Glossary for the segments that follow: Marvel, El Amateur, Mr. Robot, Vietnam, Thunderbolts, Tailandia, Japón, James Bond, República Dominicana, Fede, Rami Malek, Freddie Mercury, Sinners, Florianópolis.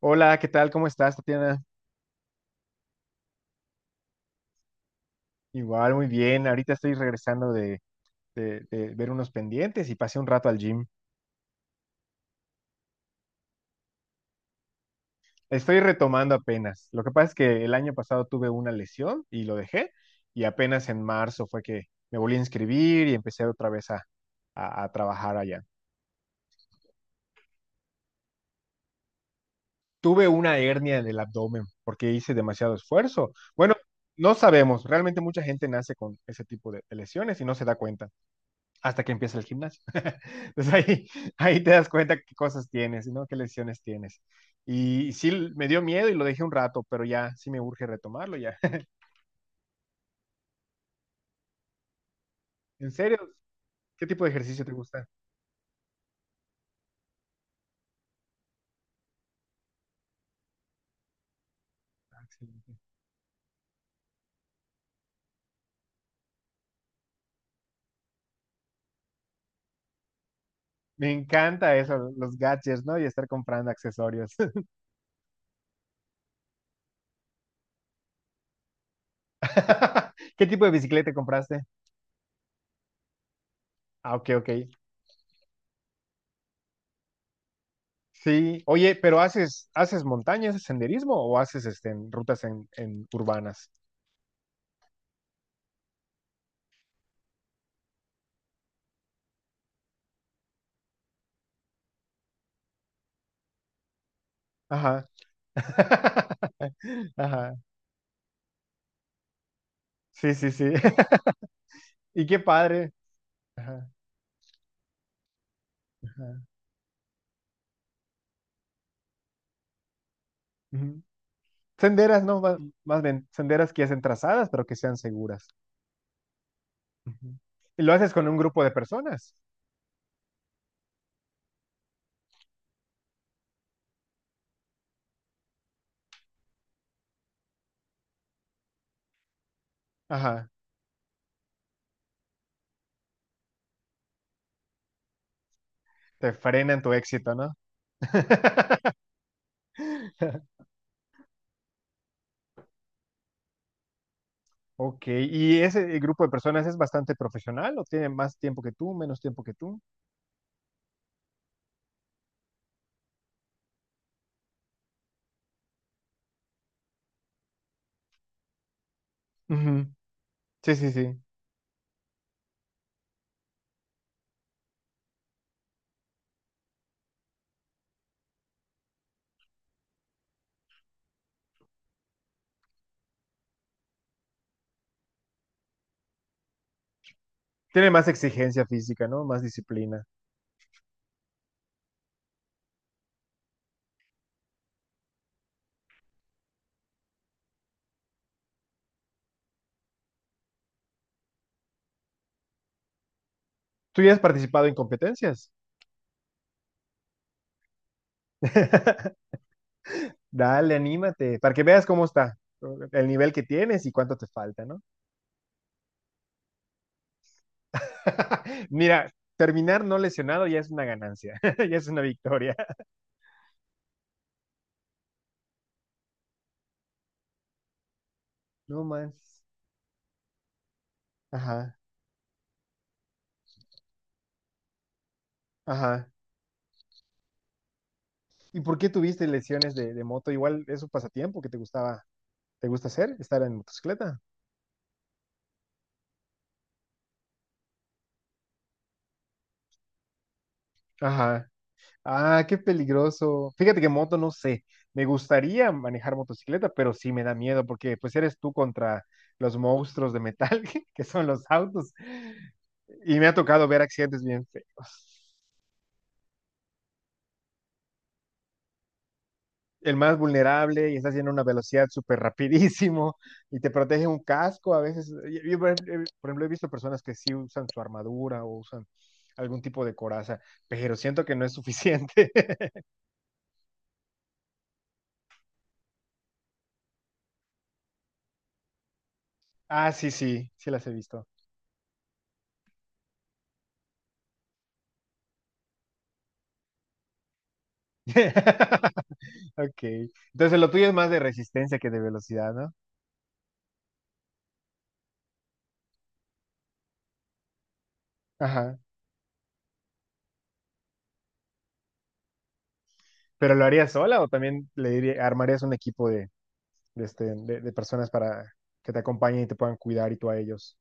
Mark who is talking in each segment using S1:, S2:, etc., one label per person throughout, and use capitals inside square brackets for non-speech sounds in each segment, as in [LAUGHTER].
S1: Hola, ¿qué tal? ¿Cómo estás, Tatiana? Igual, muy bien. Ahorita estoy regresando de ver unos pendientes y pasé un rato al gym. Estoy retomando apenas. Lo que pasa es que el año pasado tuve una lesión y lo dejé y apenas en marzo fue que me volví a inscribir y empecé otra vez a trabajar allá. Tuve una hernia en el abdomen porque hice demasiado esfuerzo. Bueno, no sabemos. Realmente mucha gente nace con ese tipo de lesiones y no se da cuenta hasta que empieza el gimnasio. [LAUGHS] Entonces ahí te das cuenta qué cosas tienes, ¿no? Qué lesiones tienes. Y sí, me dio miedo y lo dejé un rato, pero ya sí me urge retomarlo ya. [LAUGHS] En serio, ¿qué tipo de ejercicio te gusta? Ah, excelente. Me encanta eso, los gadgets, ¿no? Y estar comprando accesorios. [LAUGHS] ¿Qué tipo de bicicleta compraste? Ah, ok, ok. Sí, oye, pero ¿haces montañas, haces senderismo o haces en rutas en urbanas? Ajá. [LAUGHS] Ajá. Sí, sí, sí. [LAUGHS] Y qué padre. Ajá, ajá. Ujú. Senderas, no, más bien, senderas que ya estén trazadas, pero que sean seguras. Ujú. Y lo haces con un grupo de personas. Ajá. Te frenan tu éxito, ¿no? [LAUGHS] Ok. ¿Y ese grupo de personas es bastante profesional o tiene más tiempo que tú, menos tiempo que tú? Ujú. Sí, sí, sí. Tiene más exigencia física, ¿no? Más disciplina. ¿Tú ya has participado en competencias? [LAUGHS] Dale, anímate, para que veas cómo está el nivel que tienes y cuánto te falta, ¿no? [LAUGHS] Mira, terminar no lesionado ya es una ganancia, [LAUGHS] ya es una victoria. No manches. Ajá, ajá. ¿Y por qué tuviste lesiones de moto? Igual es un pasatiempo que te gustaba, te gusta hacer, estar en motocicleta. Ajá. Ah, qué peligroso. Fíjate que moto no sé. Me gustaría manejar motocicleta, pero sí me da miedo porque pues eres tú contra los monstruos de metal [LAUGHS] que son los autos. Y me ha tocado ver accidentes bien feos. El más vulnerable y está haciendo una velocidad súper rapidísimo y te protege un casco. A veces, yo, por ejemplo, he visto personas que sí usan su armadura o usan algún tipo de coraza, pero siento que no es suficiente. [LAUGHS] Ah, sí, sí, sí las he visto. [LAUGHS] Ok. Entonces lo tuyo es más de resistencia que de velocidad, ¿no? Ajá. ¿Pero lo harías sola o también armarías un equipo de personas para que te acompañen y te puedan cuidar y tú a ellos?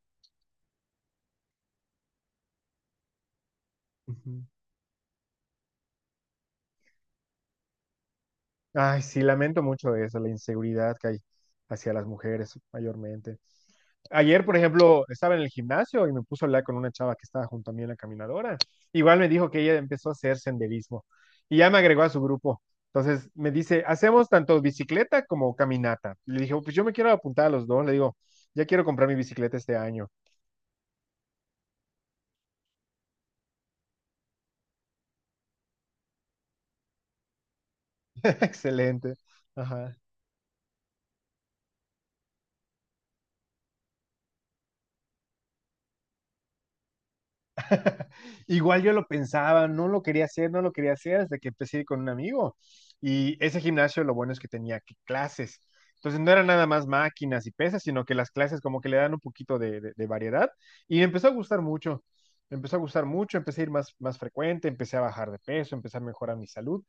S1: Ay, sí, lamento mucho eso, la inseguridad que hay hacia las mujeres mayormente. Ayer, por ejemplo, estaba en el gimnasio y me puso a hablar con una chava que estaba junto a mí en la caminadora. Igual me dijo que ella empezó a hacer senderismo y ya me agregó a su grupo. Entonces me dice, hacemos tanto bicicleta como caminata. Le dije, "Oh, pues yo me quiero apuntar a los dos. Le digo, ya quiero comprar mi bicicleta este año. [LAUGHS] Excelente. Ajá. [LAUGHS] Igual yo lo pensaba, no lo quería hacer, no lo quería hacer hasta que empecé a ir con un amigo. Y ese gimnasio lo bueno es que tenía clases. Entonces no era nada más máquinas y pesas, sino que las clases como que le dan un poquito de variedad. Y me empezó a gustar mucho, me empezó a gustar mucho, empecé a ir más frecuente, empecé a bajar de peso, empecé a mejorar mi salud.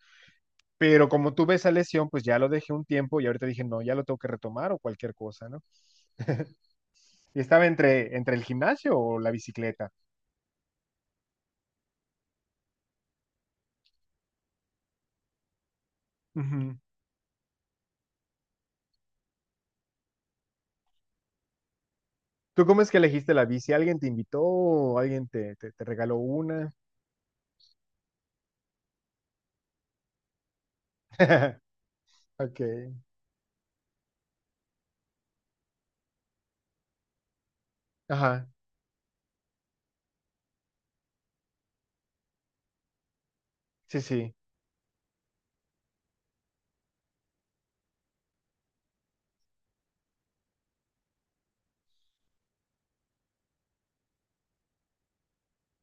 S1: Pero como tuve esa lesión, pues ya lo dejé un tiempo y ahorita dije, no, ya lo tengo que retomar o cualquier cosa, ¿no? Y estaba entre el gimnasio o la bicicleta. Ujú. ¿Tú cómo es que elegiste la bici? ¿Alguien te invitó o alguien te regaló una? [LAUGHS] Ok, ajá, sí, sí.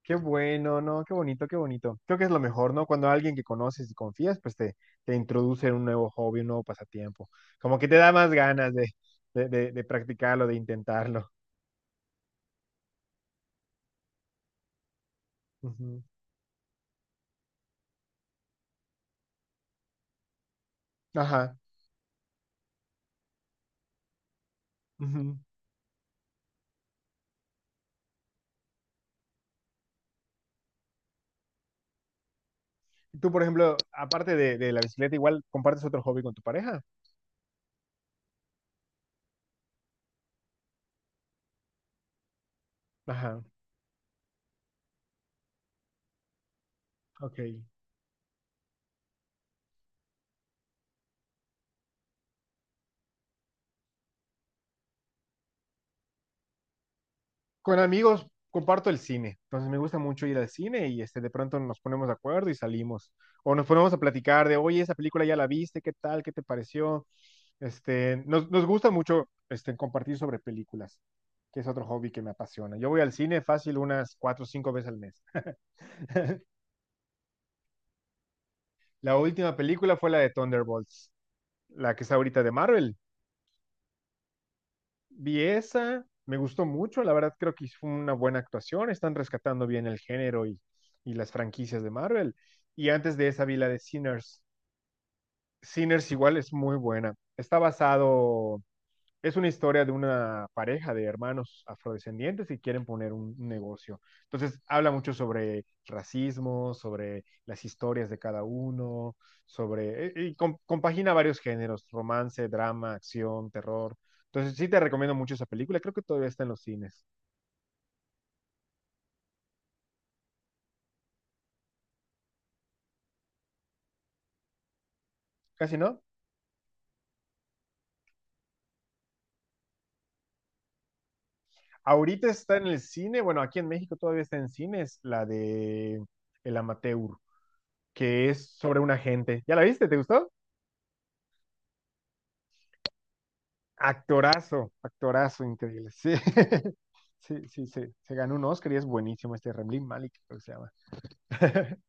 S1: Qué bueno, ¿no? Qué bonito, qué bonito. Creo que es lo mejor, ¿no? Cuando alguien que conoces y confías, pues te introduce en un nuevo hobby, un nuevo pasatiempo. Como que te da más ganas de practicarlo, de intentarlo. Ujú. Ajá. Ujú. Tú, por ejemplo, aparte de la bicicleta, igual compartes otro hobby con tu pareja. Ajá, ok. Con amigos comparto el cine, entonces me gusta mucho ir al cine y de pronto nos ponemos de acuerdo y salimos. O nos ponemos a platicar de, oye, esa película ya la viste, ¿qué tal? ¿Qué te pareció? Nos gusta mucho compartir sobre películas, que es otro hobby que me apasiona. Yo voy al cine fácil unas cuatro o cinco veces al mes. La última película fue la de Thunderbolts, la que está ahorita de Marvel. Vi esa, me gustó mucho, la verdad creo que fue una buena actuación, están rescatando bien el género y las franquicias de Marvel. Y antes de esa vi la de Sinners. Sinners igual es muy buena. Está basado es una historia de una pareja de hermanos afrodescendientes que quieren poner un negocio. Entonces, habla mucho sobre racismo, sobre las historias de cada uno, y compagina varios géneros, romance, drama, acción, terror. Entonces, sí te recomiendo mucho esa película. Creo que todavía está en los cines. Casi no. Ahorita está en el cine, bueno, aquí en México todavía está en cines, la de El Amateur, que es sobre un agente. ¿Ya la viste? ¿Te gustó? Actorazo, actorazo, increíble. Sí, [LAUGHS] sí, sí, sí. Se ganó un Oscar y es buenísimo este Rembling Malik, creo que se llama. [LAUGHS]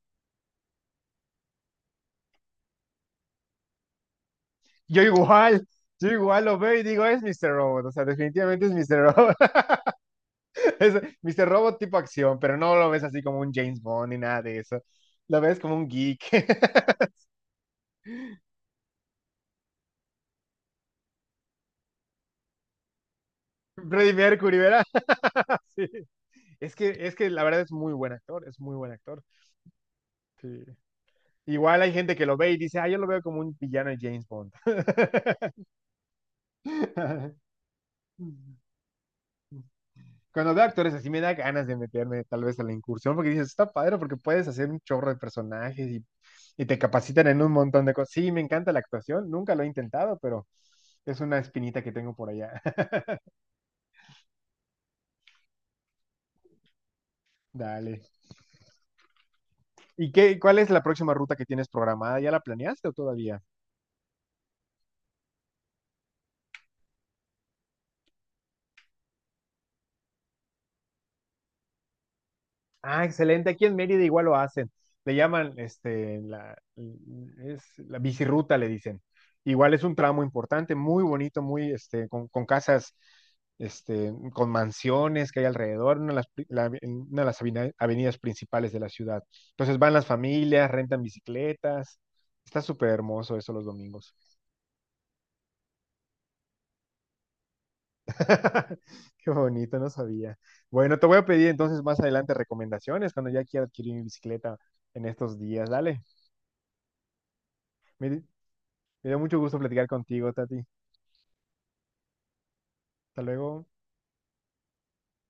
S1: Yo igual, yo igual lo veo y digo, es Mr. Robot, o sea, definitivamente es Mr. Robot. [LAUGHS] Es Mr. Robot tipo acción, pero no lo ves así como un James Bond ni nada de eso. Lo ves como un geek. [LAUGHS] Freddie Mercury, ¿verdad? [LAUGHS] Sí. Es que la verdad es muy buen actor, es muy buen actor. Sí. Igual hay gente que lo ve y dice, ah, yo lo veo como un villano de James Bond. [LAUGHS] Mm. Cuando veo actores así me da ganas de meterme tal vez a la incursión porque dices, está padre porque puedes hacer un chorro de personajes y te capacitan en un montón de cosas. Sí, me encanta la actuación, nunca lo he intentado, pero es una espinita que tengo por allá. [LAUGHS] Dale. ¿Y qué, cuál es la próxima ruta que tienes programada? ¿Ya la planeaste o todavía? Ah, excelente. Aquí en Mérida igual lo hacen. Le llaman, es la bicirruta, le dicen. Igual es un tramo importante, muy bonito, muy con casas, con mansiones que hay alrededor, una de las, pri- la- en una de las avenidas principales de la ciudad. Entonces van las familias, rentan bicicletas. Está súper hermoso eso los domingos. [LAUGHS] Qué bonito, no sabía. Bueno, te voy a pedir entonces más adelante recomendaciones cuando ya quiera adquirir mi bicicleta en estos días. Dale. Me- Me dio mucho gusto platicar contigo, Tati. Hasta luego.